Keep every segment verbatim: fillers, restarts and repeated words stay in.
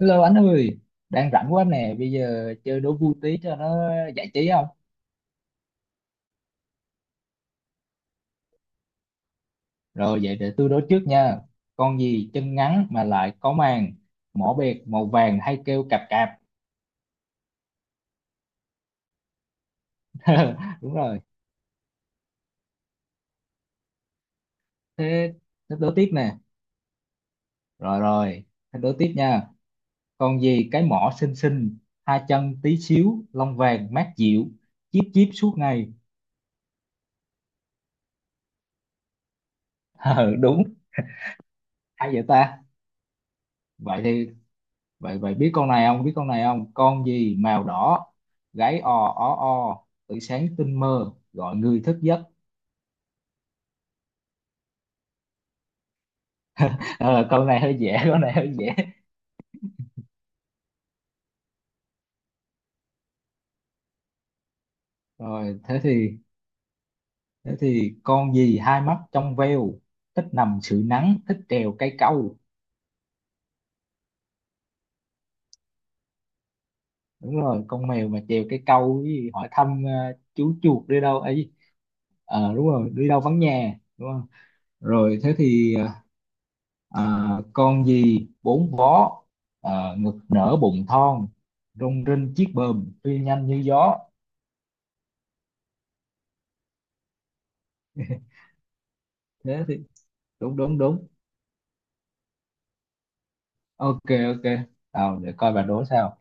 Hello anh ơi, đang rảnh quá nè, bây giờ chơi đố vui tí cho nó giải trí không? Rồi vậy để tôi đố trước nha. Con gì chân ngắn mà lại có màng, mỏ bẹt màu vàng hay kêu cạp cạp. Đúng rồi, thế thế đố tiếp nè. Rồi rồi, thế đố tiếp nha. Con gì cái mỏ xinh xinh, hai chân tí xíu, lông vàng mát dịu, chíp chíp suốt ngày. Ờ, đúng, hay vậy ta? Vậy thì vậy vậy biết con này không biết con này không con gì màu đỏ, gáy ò ó o, tự sáng tinh mơ gọi người thức giấc. Ờ, con này hơi dễ con này hơi dễ Rồi, thế thì thế thì con gì hai mắt trong veo, thích nằm sưởi nắng, thích trèo cây câu? Đúng rồi, con mèo mà trèo cây câu với hỏi thăm ờ, chú chuột đi đâu ấy. Ờ, đúng rồi, đi đâu vắng nhà, đúng không? Rồi, thế thì, ờ, à, con gì bốn vó, à, ngực nở bụng thon, rung rinh chiếc bờm, phi nhanh như gió. Thế thì đúng, đúng, đúng. Ok, ok, nào để coi bà đố sao.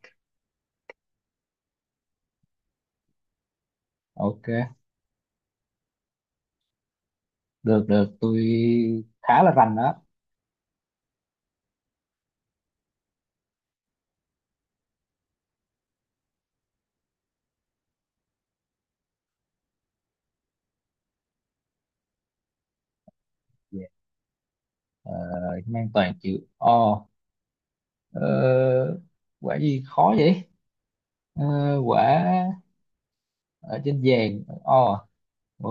Ok, được, được, tôi khá là rành đó. Dạ. Ờ, mang toàn chữ O. Ờ, quả gì khó vậy? Ờ, quả ở trên vàng O. Ờ,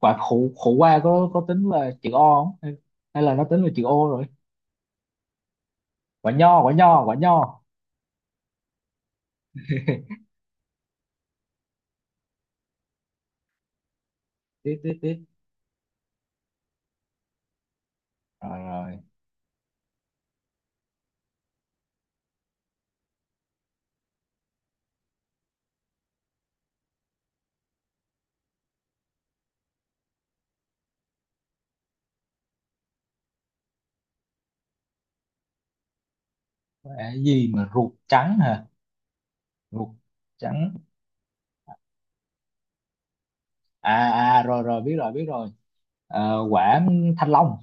quả khổ khổ qua có có tính là chữ O không, hay hay là nó tính là chữ O rồi? Quả nho, quả nho, quả nho. Tiếp, tiếp, tiếp. Rồi rồi. Cái gì mà ruột trắng hả? Ruột trắng. À, à, rồi rồi, biết rồi, biết rồi. Ờ, quả thanh long.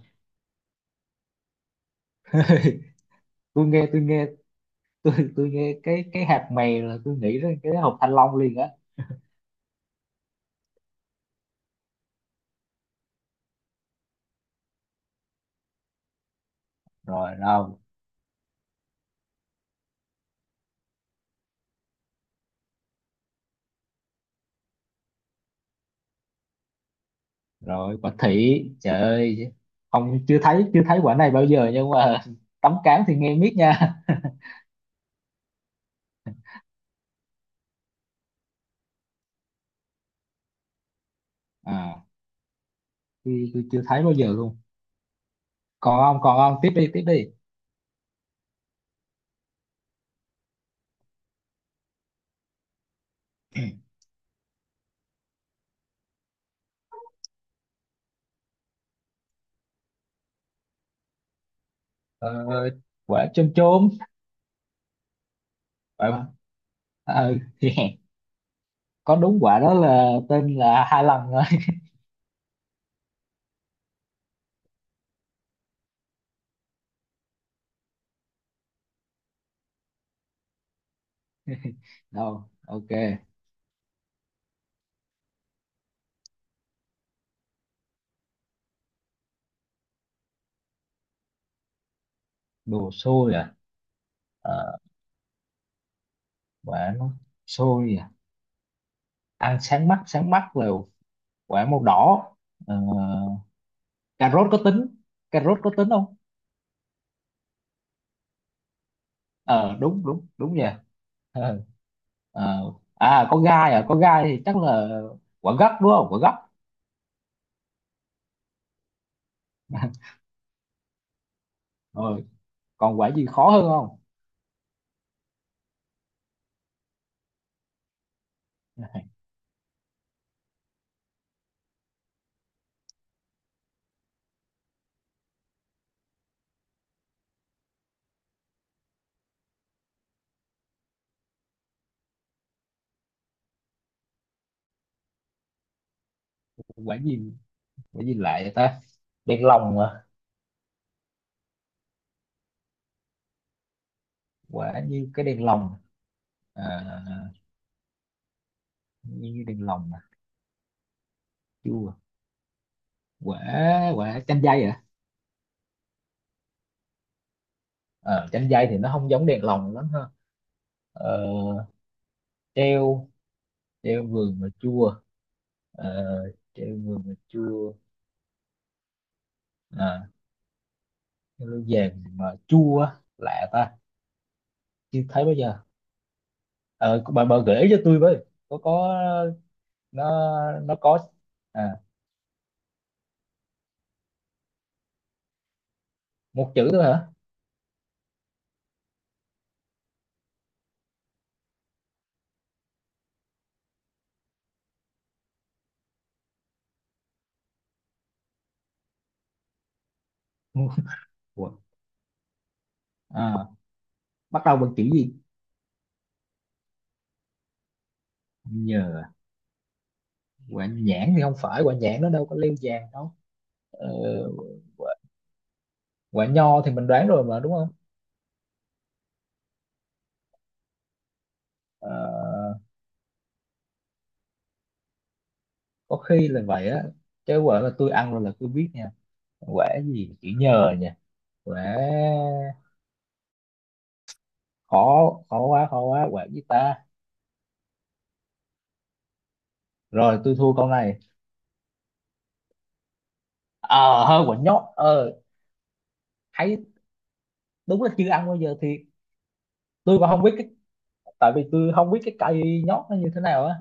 Tôi nghe, tôi nghe. Tôi tôi nghe cái cái hạt mè là tôi nghĩ đến cái hộp thanh long liền á. Rồi, đâu? Rồi quả thị, trời ơi. Không, chưa thấy chưa thấy quả này bao giờ, nhưng mà tấm cám thì nghe miết nha. À, tôi, tôi chưa thấy bao giờ luôn. Còn không, còn không? Tiếp đi, tiếp đi. ờ, Quả chôm chôm. Quả, ừ thì. Có, đúng, quả đó là tên là hai lần rồi. Đâu, ok. Đồ xôi à? Ờ, quả nó xôi à? Ăn sáng mắt, sáng mắt là quả màu đỏ. ờ, Cà rốt có tính, cà rốt có tính không? Ờ, đúng, đúng, đúng vậy. Ờ, ờ. À, có gai à, có gai thì chắc là quả gấc, đúng không, quả gấc? Rồi, còn quả gì khó hơn không? quả gì quả gì lại vậy ta? Đèn lồng à? Quả như cái đèn lồng. À, như cái đèn lồng à? Chưa à? Quả quả chanh dây à? Ờ, chanh dây thì nó không giống đèn lồng lắm ha. Ờ, treo treo vườn mà chua. Ờ, treo vườn mà chua. À, treo vàng mà chua á. Lạ ta. Chưa thấy bao giờ. Ờ, bà bà gợi ý cho tôi với, có có nó nó có. À, một chữ thôi hả? Quả, à, bắt đầu bằng chữ gì? Nhờ à. Quả nhãn thì không phải, quả nhãn nó đâu có leo vàng đâu. Ờ, quả, quả nho thì mình đoán rồi mà, đúng không? Ờ, có khi là vậy á. Chứ quả là tôi ăn rồi là tôi biết nha. Quả gì chữ nhờ nha? Quả, khó khó quá, khó quá, quả gì ta? Rồi, tôi thua câu này. Ờ, hơi quả nhót ờ Thấy đúng là chưa ăn bao giờ thì tôi còn không biết cái, tại vì tôi không biết cái cây nhót nó như thế nào á.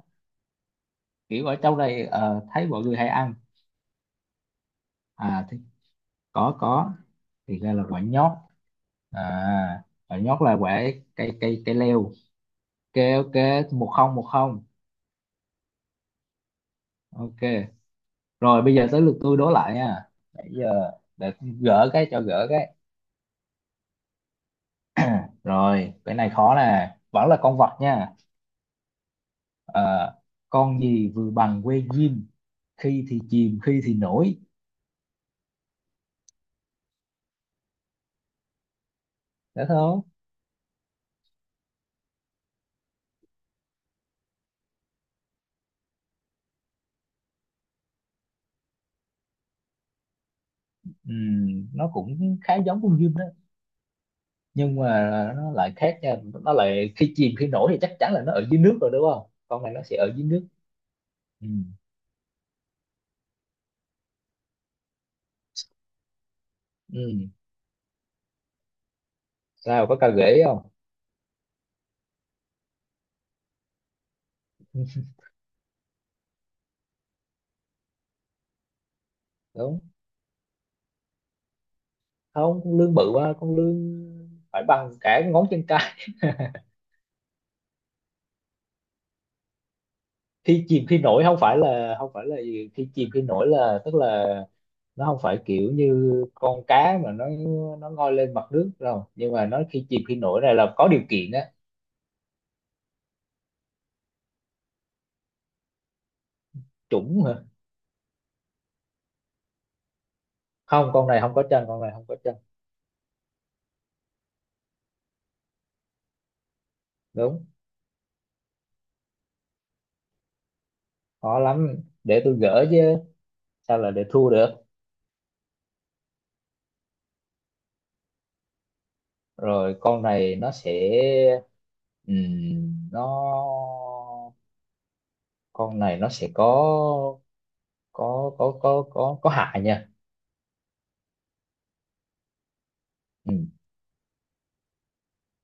Kiểu ở trong này ờ, thấy mọi người hay ăn. À thì có, có. Thì ra là quả nhót. À, quả nhót là quả cây cây cây leo. Ok, ok, một không, một không. Ok. Rồi bây giờ tới lượt tôi đố lại nha. Nãy giờ để gỡ cái, cho gỡ cái. Rồi, cái này khó nè, vẫn là con vật nha. Ờ, con gì vừa bằng que diêm, khi thì chìm, khi thì nổi. Đã thấy không? Ừm, nó cũng khá giống con diêm đó, nhưng mà nó lại khác nha. Nó lại khi chìm khi nổi thì chắc chắn là nó ở dưới nước rồi, đúng không? Con này nó sẽ ở dưới nước. Ừm, ừm. Sao có cao ghế không? Đúng. Không, con lươn bự quá, con lươn phải bằng cả ngón chân. Thi chìm khi nổi không phải là không phải là gì. Thi chìm khi nổi là, tức là nó không phải kiểu như con cá mà nó nó ngoi lên mặt nước đâu, nhưng mà nó khi chìm khi nổi này là có điều kiện á. Chủng hả? Không, con này không có chân, con này không có chân đúng. Khó lắm, để tôi gỡ chứ, sao là để thua được. Rồi, con này nó sẽ, ừm, nó, con này nó sẽ có có có có có có hại nha Ừ,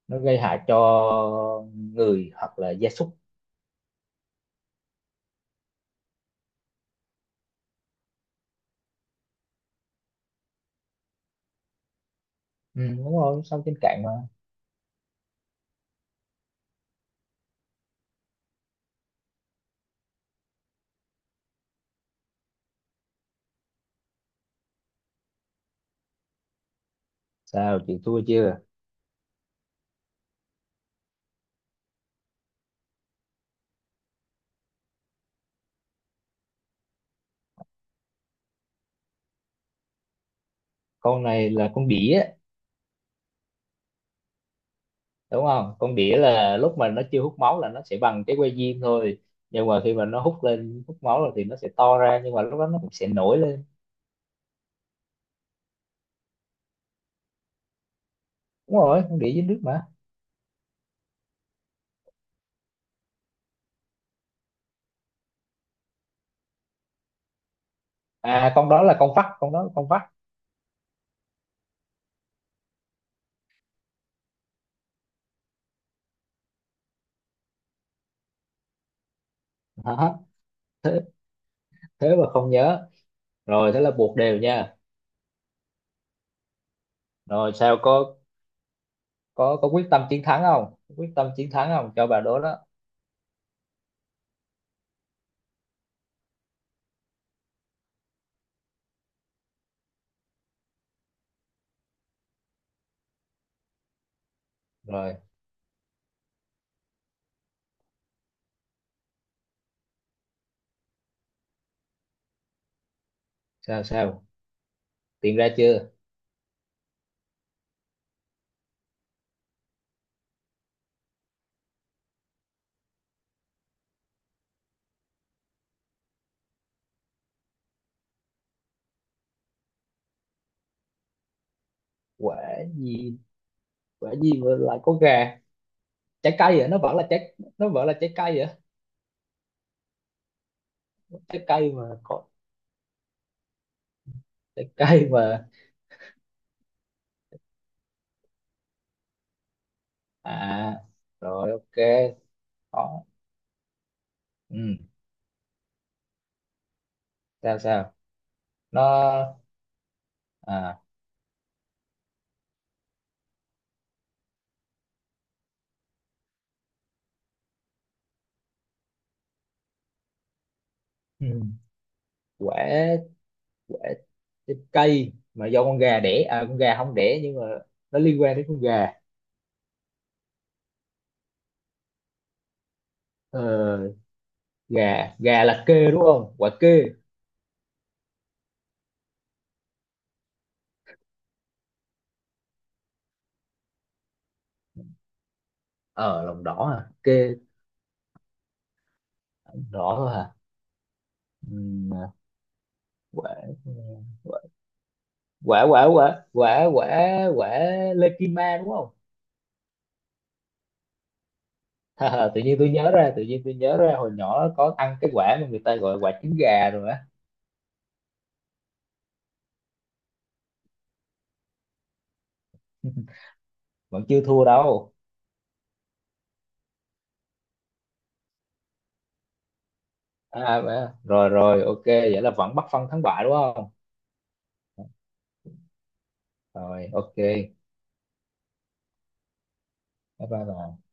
nó gây hại cho người hoặc là gia súc. Ừ, đúng rồi, sống trên cạn mà. Sao, chị thua chưa? Con này là con đỉa, đúng không, con đỉa là lúc mà nó chưa hút máu là nó sẽ bằng cái que diêm thôi, nhưng mà khi mà nó hút lên hút máu rồi thì nó sẽ to ra, nhưng mà lúc đó nó cũng sẽ nổi lên. Đúng rồi, con đỉa dưới nước mà. À, con đó là con vắt, con đó là con vắt đó, thế thế mà không nhớ. Rồi, thế là buộc đều nha. Rồi, sao, có có có quyết tâm chiến thắng không quyết tâm chiến thắng không cho bà đố đó? Rồi, sao sao tìm ra chưa? Quả nhiên, quả nhiên mà lại có gà. Trái cây vậy, nó vẫn là trái nó vẫn là trái cây vậy. Trái cây mà có, trái cây mà. À, rồi, ok. Đó. Ừ. Sao, sao. Nó, à. Ừ. quả quả trái cây mà do con gà đẻ à? Con gà không đẻ nhưng mà nó liên quan đến con gà. Ờ, gà gà là kê, đúng không, quả kê? Ờ, lòng đỏ à, kê. Đỏ thôi hả? Ừ, quả quả quả quả quả quả quả Lekima đúng không? Hờ, tự nhiên tôi nhớ ra tự nhiên tôi nhớ ra hồi nhỏ có ăn cái quả mà người ta gọi quả trứng gà rồi á. Vẫn chưa thua đâu. À, à, rồi rồi, ok, vậy là vẫn bắt phân thắng bại, đúng không? Rồi, ok, bye. Bye bà.